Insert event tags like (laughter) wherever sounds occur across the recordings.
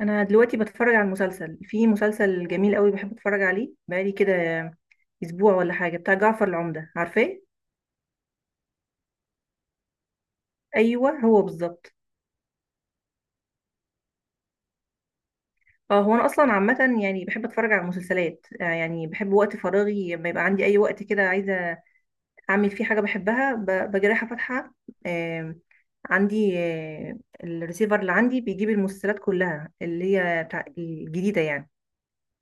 انا دلوقتي بتفرج على المسلسل، في مسلسل جميل قوي بحب اتفرج عليه، بقالي كده اسبوع ولا حاجه، بتاع جعفر العمده، عارفاه؟ ايوه، هو بالظبط. اه، هو انا اصلا عامه يعني بحب اتفرج على المسلسلات، يعني بحب وقت فراغي، لما يبقى عندي اي وقت كده عايزه اعمل فيه حاجه بحبها، بجي رايحه فاتحه. آم، عندي الريسيفر اللي عندي بيجيب المسلسلات كلها اللي هي بتاع الجديده يعني.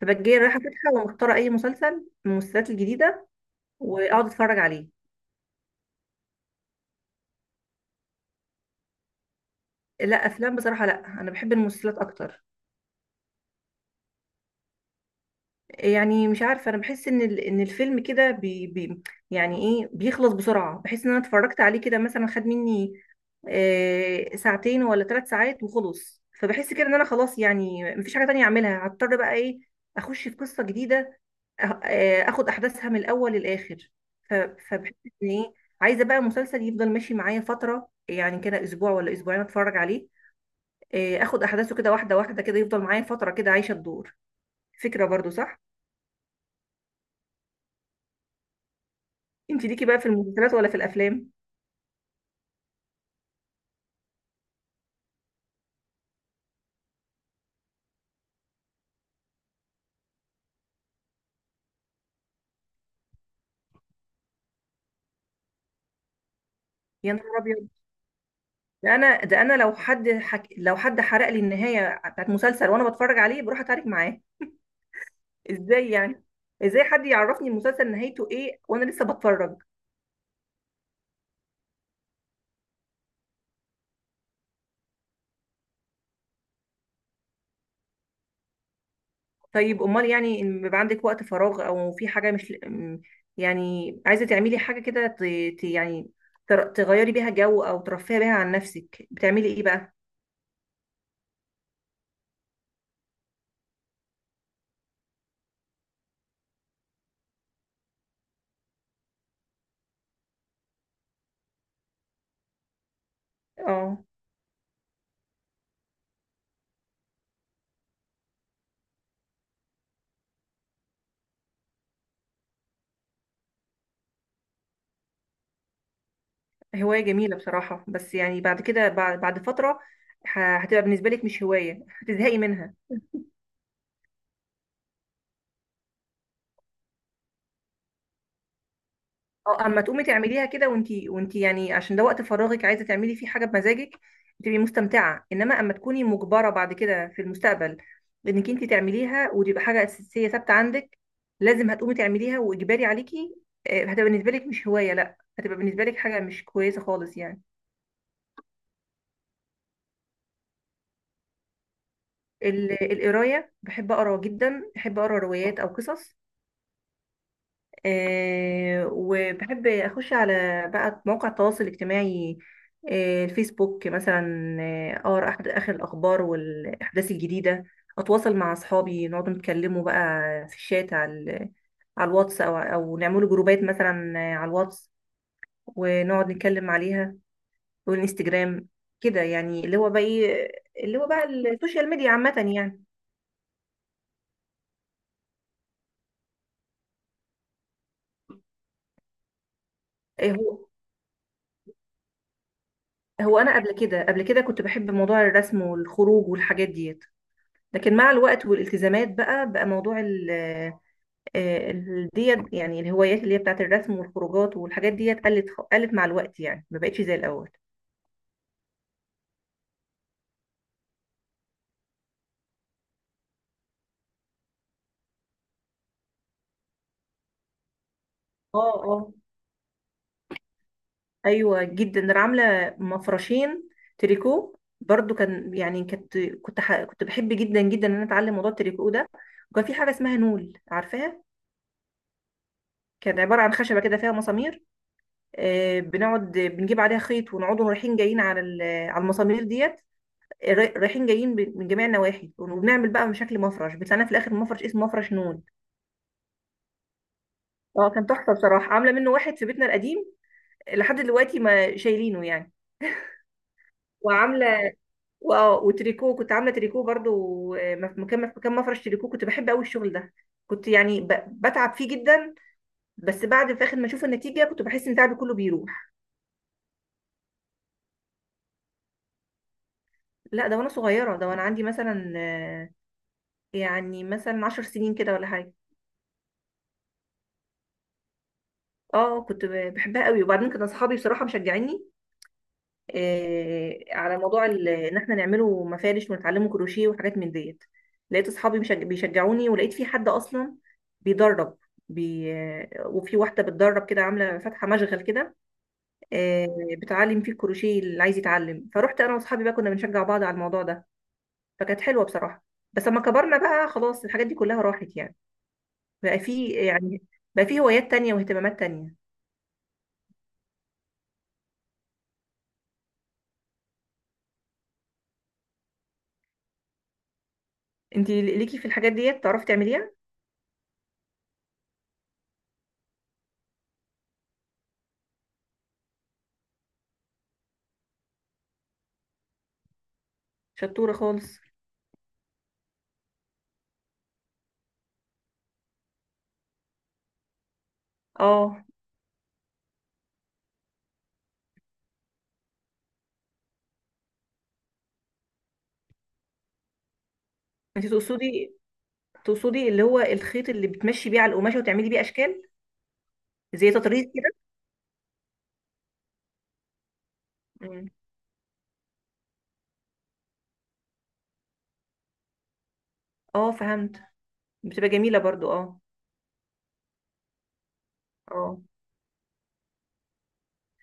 فبجي رايحه فاتحه، ومختاره اي مسلسل من المسلسلات الجديده، واقعد اتفرج عليه. لا، افلام بصراحه لا، انا بحب المسلسلات اكتر. يعني مش عارفه، انا بحس ان ان الفيلم كده بي بي يعني ايه، بيخلص بسرعه، بحس ان انا اتفرجت عليه كده، مثلا خد مني ساعتين ولا 3 ساعات وخلص، فبحس كده ان انا خلاص، يعني مفيش حاجه تانية اعملها، هضطر بقى ايه، اخش في قصه جديده، اخد احداثها من الاول للاخر، فبحس ان ايه، عايزه بقى مسلسل يفضل ماشي معايا فتره، يعني كده اسبوع ولا اسبوعين اتفرج عليه، اخد احداثه كده واحده واحده، كده يفضل معايا فتره، كده عايشه الدور، فكره برضو صح. انت ليكي بقى في المسلسلات ولا في الافلام؟ يا نهار ابيض! ده انا، ده انا لو حد لو حد حرق لي النهايه بتاعت مسلسل وانا بتفرج عليه بروح اتعارك معاه. ازاي يعني؟ ازاي حد يعرفني المسلسل نهايته ايه وانا لسه بتفرج؟ طيب امال، يعني إن بيبقى عندك وقت فراغ او في حاجه مش م- يعني عايزه تعملي حاجه كده، يعني تغيري بيها جو، او ترفهي بيها عن نفسك، بتعملي ايه بقى؟ اه. هواية جميلة بصراحة، بس يعني بعد كده، بعد فترة هتبقى بالنسبة لك مش هواية، هتزهقي منها. اه، اما تقومي تعمليها كده وانتي يعني عشان ده وقت فراغك، عايزة تعملي فيه حاجة بمزاجك، تبقي مستمتعة. انما اما تكوني مجبرة بعد كده في المستقبل انك انتي تعمليها، وتبقى حاجة أساسية ثابتة عندك، لازم هتقومي تعمليها واجباري عليكي، هتبقى بالنسبة لك مش هواية، لا هتبقى بالنسبة لك حاجة مش كويسة خالص يعني. القراية، بحب أقرأ جدا، بحب أقرأ روايات أو قصص. وبحب اخش على بقى مواقع التواصل الاجتماعي، الفيسبوك مثلا، اقرا اخر الاخبار والاحداث الجديده، اتواصل مع اصحابي، نقعد نتكلموا بقى في الشات، على الواتس، او نعملوا جروبات مثلا على الواتس، ونقعد نتكلم عليها، والانستجرام. كده يعني، اللي هو بقى ايه، اللي هو بقى السوشيال ميديا عامه يعني. هو انا قبل كده، قبل كده كنت بحب موضوع الرسم والخروج والحاجات ديت. لكن مع الوقت والالتزامات، بقى موضوع ال ديت يعني الهوايات اللي هي بتاعت الرسم والخروجات والحاجات ديت، قلت مع الوقت، يعني ما بقتش زي الأول. اه، اه، ايوه جدا، انا عامله مفرشين تريكو برضو، كان يعني كنت بحب جدا جدا ان انا اتعلم موضوع التريكو ده، وكان في حاجه اسمها نول، عارفاها؟ كانت عباره عن خشبه كده فيها مسامير، بنقعد بنجيب عليها خيط، ونقعد رايحين جايين على المسامير ديت، رايحين جايين من جميع النواحي، وبنعمل بقى بشكل مفرش، بتلاقينا في الاخر مفرش اسمه مفرش نون. اه، كان تحفه بصراحه، عامله منه واحد في بيتنا القديم، لحد دلوقتي ما شايلينه يعني. وعامله وتريكو، كنت عامله تريكو برضو، مكان مفرش تريكو، كنت بحب قوي الشغل ده، كنت يعني بتعب فيه جدا، بس بعد في اخر ما اشوف النتيجه كنت بحس ان تعبي كله بيروح. لا، ده وانا صغيره، ده وانا عندي مثلا يعني مثلا 10 سنين كده ولا حاجه. اه، كنت بحبها قوي، وبعدين كان اصحابي بصراحه مشجعيني على موضوع ان احنا نعمله مفارش ونتعلمه كروشيه وحاجات من ديت، لقيت اصحابي بيشجعوني، ولقيت في حد اصلا بيدرب، بي... آه، وفي واحده بتدرب كده عامله فاتحه مشغل كده، آه، بتعلم فيه الكروشيه اللي عايز يتعلم، فروحت انا واصحابي بقى كنا بنشجع بعض على الموضوع ده، فكانت حلوه بصراحه. بس لما كبرنا بقى، خلاص الحاجات دي كلها راحت يعني، بقى في يعني بقى في هوايات تانية واهتمامات تانية. انتي ليكي في الحاجات ديت تعرفي تعمليها؟ شطوره خالص! اه، انتي تقصدي اللي هو الخيط اللي بتمشي بيه على القماشة وتعملي بيه أشكال، زي تطريز كده؟ مم. اه، فهمت، بتبقى جميلة برضو، اه. اه،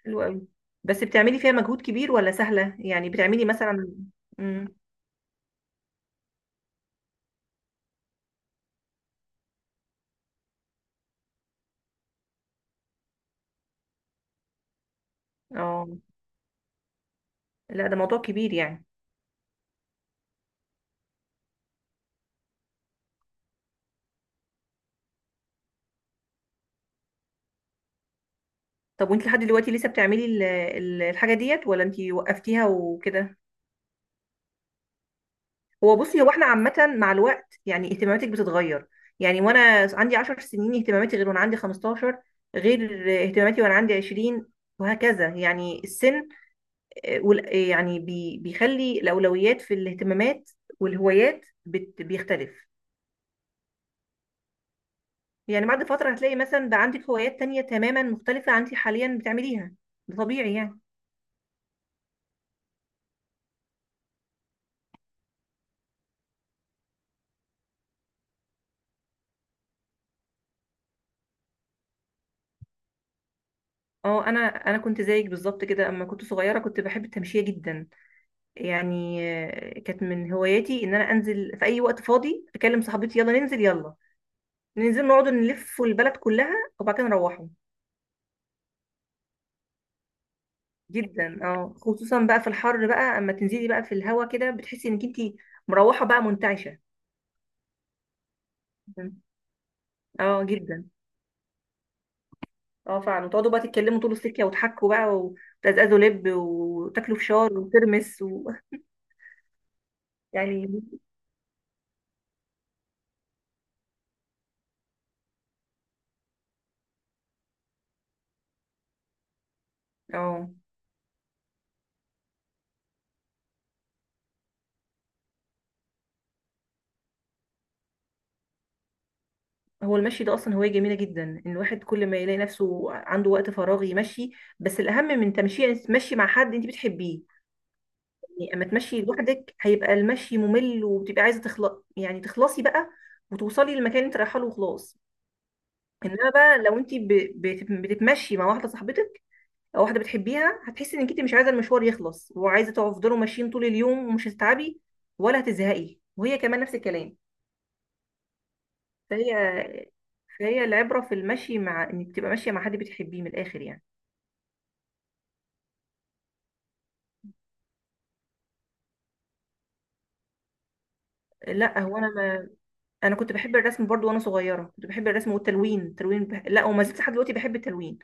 حلوة أوي. بس بتعملي فيها مجهود كبير ولا سهلة؟ يعني بتعملي مثلا... مم. اه، لا ده موضوع كبير يعني. طب، وانت لحد دلوقتي لسه بتعملي الحاجة ديت ولا انت وقفتيها وكده؟ هو بصي، هو احنا عامة مع الوقت يعني اهتماماتك بتتغير. يعني وانا عندي 10 سنين اهتماماتي غير، وانا عندي 15 غير اهتماماتي، وانا عندي 20، وهكذا يعني، السن يعني بيخلي الأولويات في الاهتمامات والهوايات بيختلف. يعني بعد فترة هتلاقي مثلا بقى عندك هوايات تانية تماما مختلفة عن انت حاليا بتعمليها، ده طبيعي يعني. اه، انا كنت زيك بالظبط كده، اما كنت صغيره كنت بحب التمشيه جدا يعني، كانت من هواياتي ان انا انزل في اي وقت فاضي، اكلم صاحبتي يلا ننزل، يلا ننزل نقعد نلف البلد كلها، وبعد كده نروحوا. جدا اه، خصوصا بقى في الحر بقى، اما تنزلي بقى في الهوا كده بتحسي انك انتي مروحه بقى منتعشه. اه جدا، اه فعلا، وتقعدوا بقى تتكلموا طول السكه، وتحكوا بقى، وتزقزقوا لب، وتاكلوا فشار وترمس و... (laughs) يعني. اه، هو المشي ده اصلا هوايه جميله جدا، ان الواحد كل ما يلاقي نفسه عنده وقت فراغ يمشي. بس الاهم من تمشي، يعني تمشي مع حد انت بتحبيه. يعني اما تمشي لوحدك، هيبقى المشي ممل وبتبقى عايزه تخلق يعني، تخلصي بقى وتوصلي للمكان اللي انت رايحه له وخلاص. انما بقى لو انت بتتمشي مع واحده صاحبتك، او واحده بتحبيها، هتحسي انك انت مش عايزه المشوار يخلص، وعايزه تفضلوا ماشيين طول اليوم، ومش هتتعبي ولا هتزهقي، وهي كمان نفس الكلام. فهي فهي العبره في المشي، مع انك تبقى ماشيه مع حد بتحبيه من الاخر يعني. لا، هو انا ما... انا كنت بحب الرسم برضو وانا صغيره، كنت بحب الرسم والتلوين، لا، وما زلت لحد دلوقتي بحب التلوين.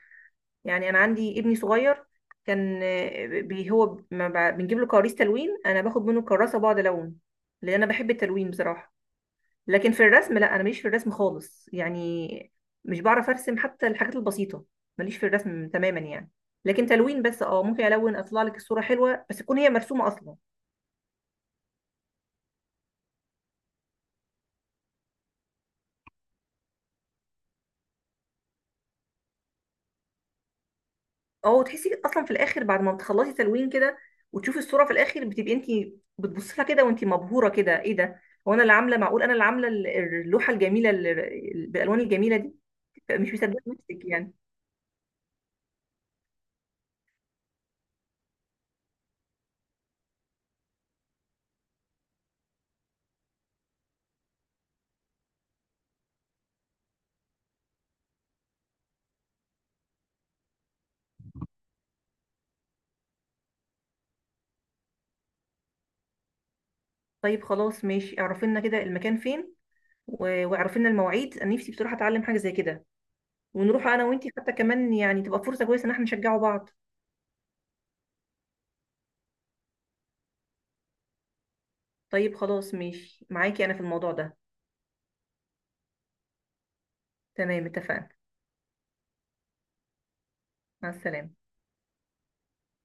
يعني انا عندي ابني صغير، كان آه، بي هو ما ب- بنجيب له كراريس تلوين، انا باخد منه كراسه بقعد الون، لان انا بحب التلوين بصراحه. لكن في الرسم لا، انا ماليش في الرسم خالص يعني، مش بعرف ارسم حتى الحاجات البسيطه، ماليش في الرسم تماما يعني. لكن تلوين بس اه، ممكن الون اطلع لك الصوره حلوه، بس تكون هي مرسومه اصلا. اه، وتحسي اصلا في الاخر بعد ما بتخلصي تلوين كده، وتشوفي الصوره في الاخر، بتبقي انت بتبصي لها كده، وانت مبهوره كده، ايه ده، هو انا اللي عامله، معقول انا اللي عامله اللوحه الجميله بالالوان الجميله دي؟ بتبقى مش مصدقه نفسك يعني. طيب خلاص ماشي، اعرفي لنا كده المكان فين، واعرفي لنا المواعيد، انا نفسي بصراحه اتعلم حاجه زي كده، ونروح انا وانت حتى كمان، يعني تبقى فرصه كويسه ان احنا نشجعوا بعض. طيب خلاص ماشي معاكي انا في الموضوع ده. تمام، اتفقنا. مع السلامه.